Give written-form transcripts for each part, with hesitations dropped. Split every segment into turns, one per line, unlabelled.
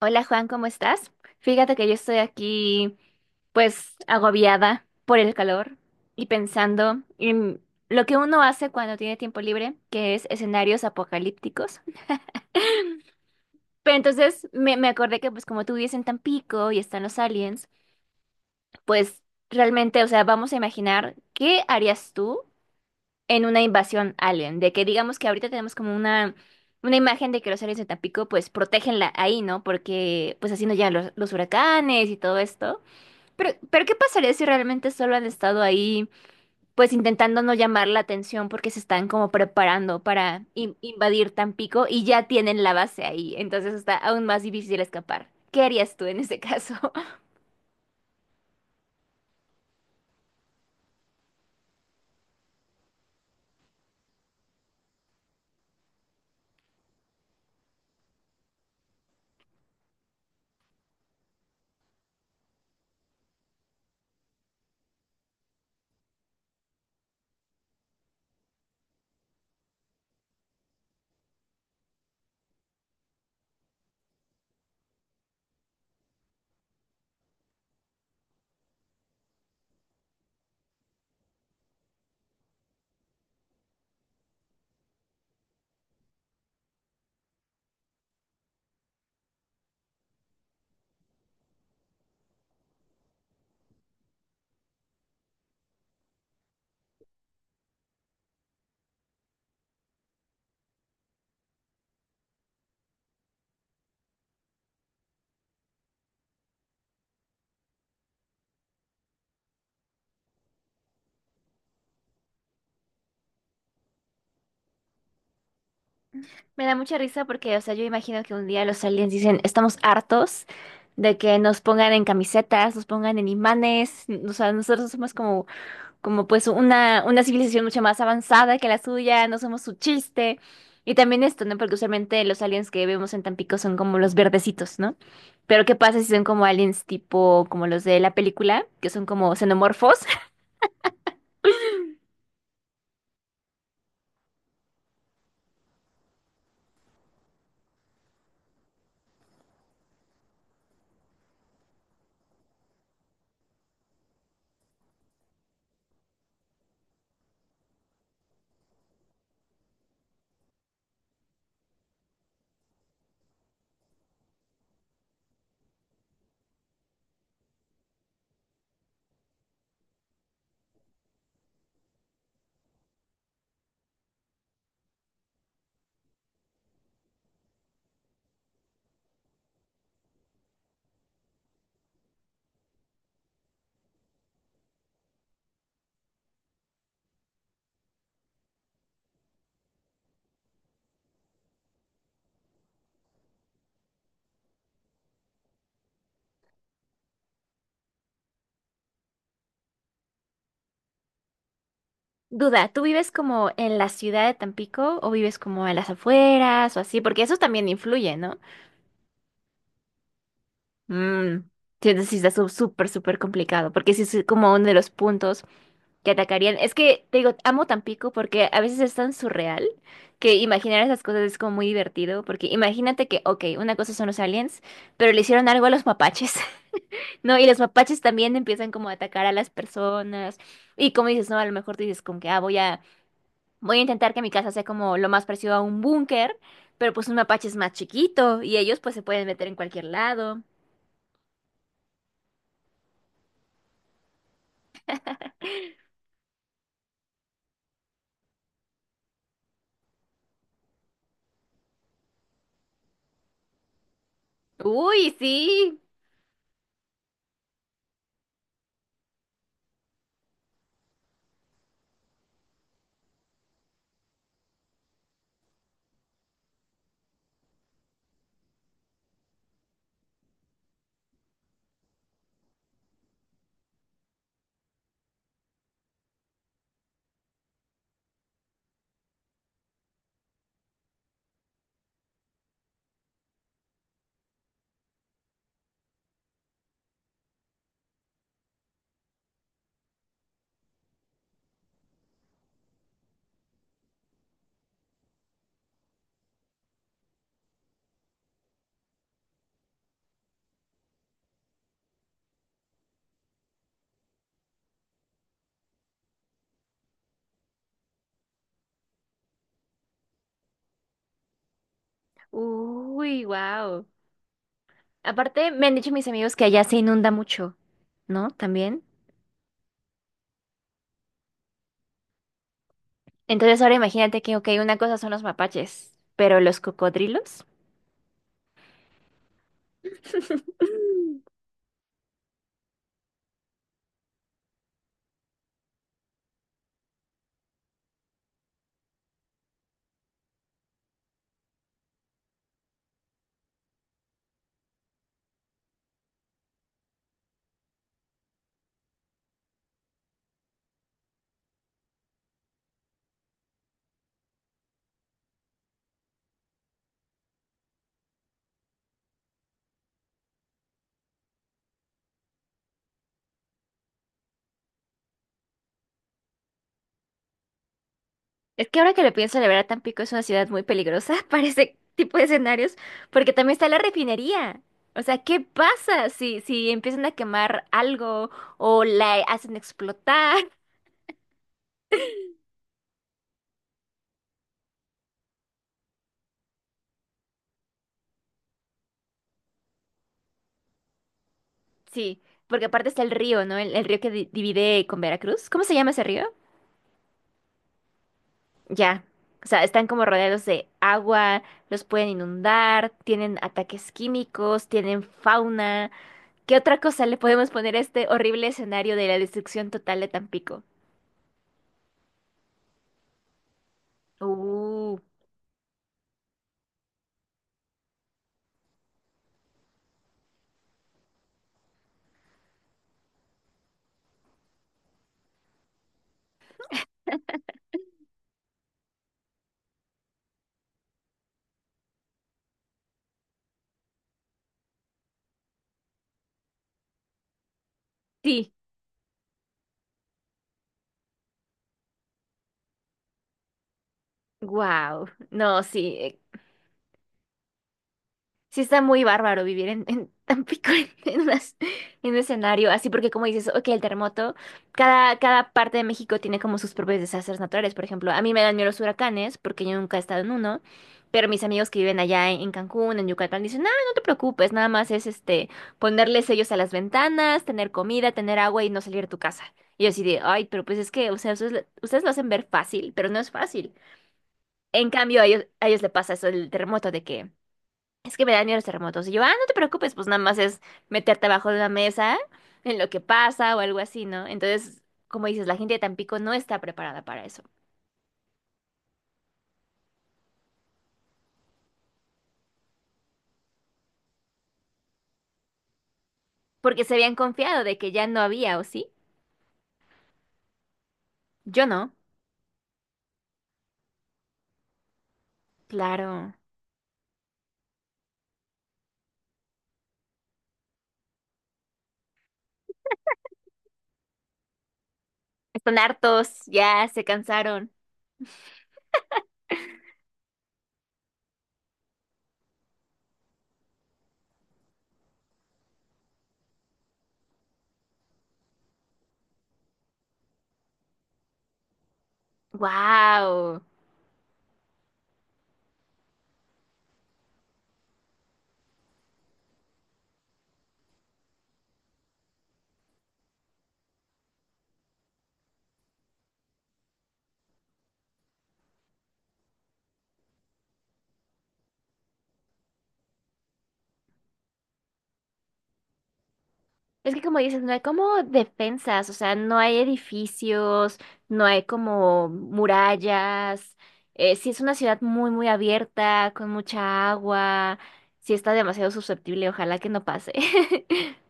Hola Juan, ¿cómo estás? Fíjate que yo estoy aquí pues agobiada por el calor y pensando en lo que uno hace cuando tiene tiempo libre, que es escenarios apocalípticos. Pero entonces me acordé que pues como tú vives en Tampico y están los aliens, pues realmente, o sea, vamos a imaginar qué harías tú en una invasión alien, de que digamos que ahorita tenemos como una imagen de que los aliens de Tampico pues protégenla ahí, ¿no? Porque pues así no llegan los huracanes y todo esto. Pero ¿qué pasaría si realmente solo han estado ahí, pues intentando no llamar la atención porque se están como preparando para invadir Tampico y ya tienen la base ahí? Entonces está aún más difícil escapar. ¿Qué harías tú en ese caso? Me da mucha risa porque, o sea, yo imagino que un día los aliens dicen, estamos hartos de que nos pongan en camisetas, nos pongan en imanes, o sea, nosotros somos como pues una civilización mucho más avanzada que la suya, no somos su chiste. Y también esto, ¿no? Porque usualmente los aliens que vemos en Tampico son como los verdecitos, ¿no? Pero ¿qué pasa si son como aliens tipo como los de la película, que son como xenomorfos? Duda, ¿tú vives como en la ciudad de Tampico o vives como a las afueras o así? Porque eso también influye, ¿no? Mm, sí, entonces sí está súper, súper complicado, porque sí es como uno de los puntos que atacarían. Es que, te digo, amo Tampico porque a veces es tan surreal que imaginar esas cosas es como muy divertido, porque imagínate que, ok, una cosa son los aliens, pero le hicieron algo a los mapaches, ¿no? Y los mapaches también empiezan como a atacar a las personas. Y como dices, no, a lo mejor tú dices como que, ah, voy a intentar que mi casa sea como lo más parecido a un búnker, pero pues un mapache es más chiquito y ellos pues se pueden meter en cualquier lado. Uy, sí. Uy, wow. Aparte, me han dicho mis amigos que allá se inunda mucho, ¿no? También. Entonces ahora imagínate que, ok, una cosa son los mapaches, pero los cocodrilos. Es que ahora que lo pienso, la verdad, Tampico es una ciudad muy peligrosa para ese tipo de escenarios, porque también está la refinería. O sea, ¿qué pasa si, si empiezan a quemar algo o la hacen explotar? Sí, porque aparte está el río, ¿no? El río que divide con Veracruz. ¿Cómo se llama ese río? Ya, o sea, están como rodeados de agua, los pueden inundar, tienen ataques químicos, tienen fauna. ¿Qué otra cosa le podemos poner a este horrible escenario de la destrucción total de Tampico? Uh, sí, wow. No, sí. Sí está muy bárbaro vivir en Tampico en, en un escenario así, porque como dices, ok, el terremoto, cada parte de México tiene como sus propios desastres naturales. Por ejemplo, a mí me dan miedo los huracanes, porque yo nunca he estado en uno, pero mis amigos que viven allá en Cancún, en Yucatán, dicen, no, no te preocupes, nada más es este ponerle sellos a las ventanas, tener comida, tener agua y no salir de tu casa. Y yo así de, ay, pero pues es que, o sea, ustedes lo hacen ver fácil, pero no es fácil. En cambio, a ellos le pasa eso, el terremoto de que es que me dan miedo los terremotos. Y yo, ah, no te preocupes, pues nada más es meterte abajo de una mesa en lo que pasa o algo así, ¿no? Entonces, como dices, la gente de Tampico no está preparada para eso. Porque se habían confiado de que ya no había, ¿o sí? Yo no. Claro. Están hartos, ya se cansaron. ¡Wow! Es que como dices, no hay como defensas, o sea, no hay edificios, no hay como murallas. Sí es una ciudad muy, muy abierta, con mucha agua. Sí está demasiado susceptible, ojalá que no pase.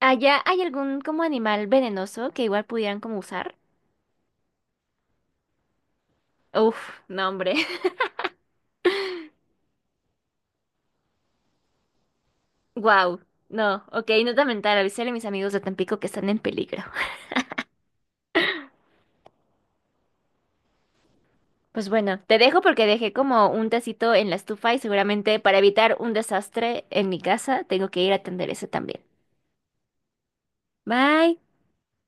¿Allá hay algún como animal venenoso que igual pudieran como usar? Uf, no, hombre. Wow. No, ok, nota mental, avisarle a mis amigos de Tampico que están en peligro. Pues bueno, te dejo porque dejé como un tacito en la estufa y seguramente para evitar un desastre en mi casa tengo que ir a atender eso también. Bye.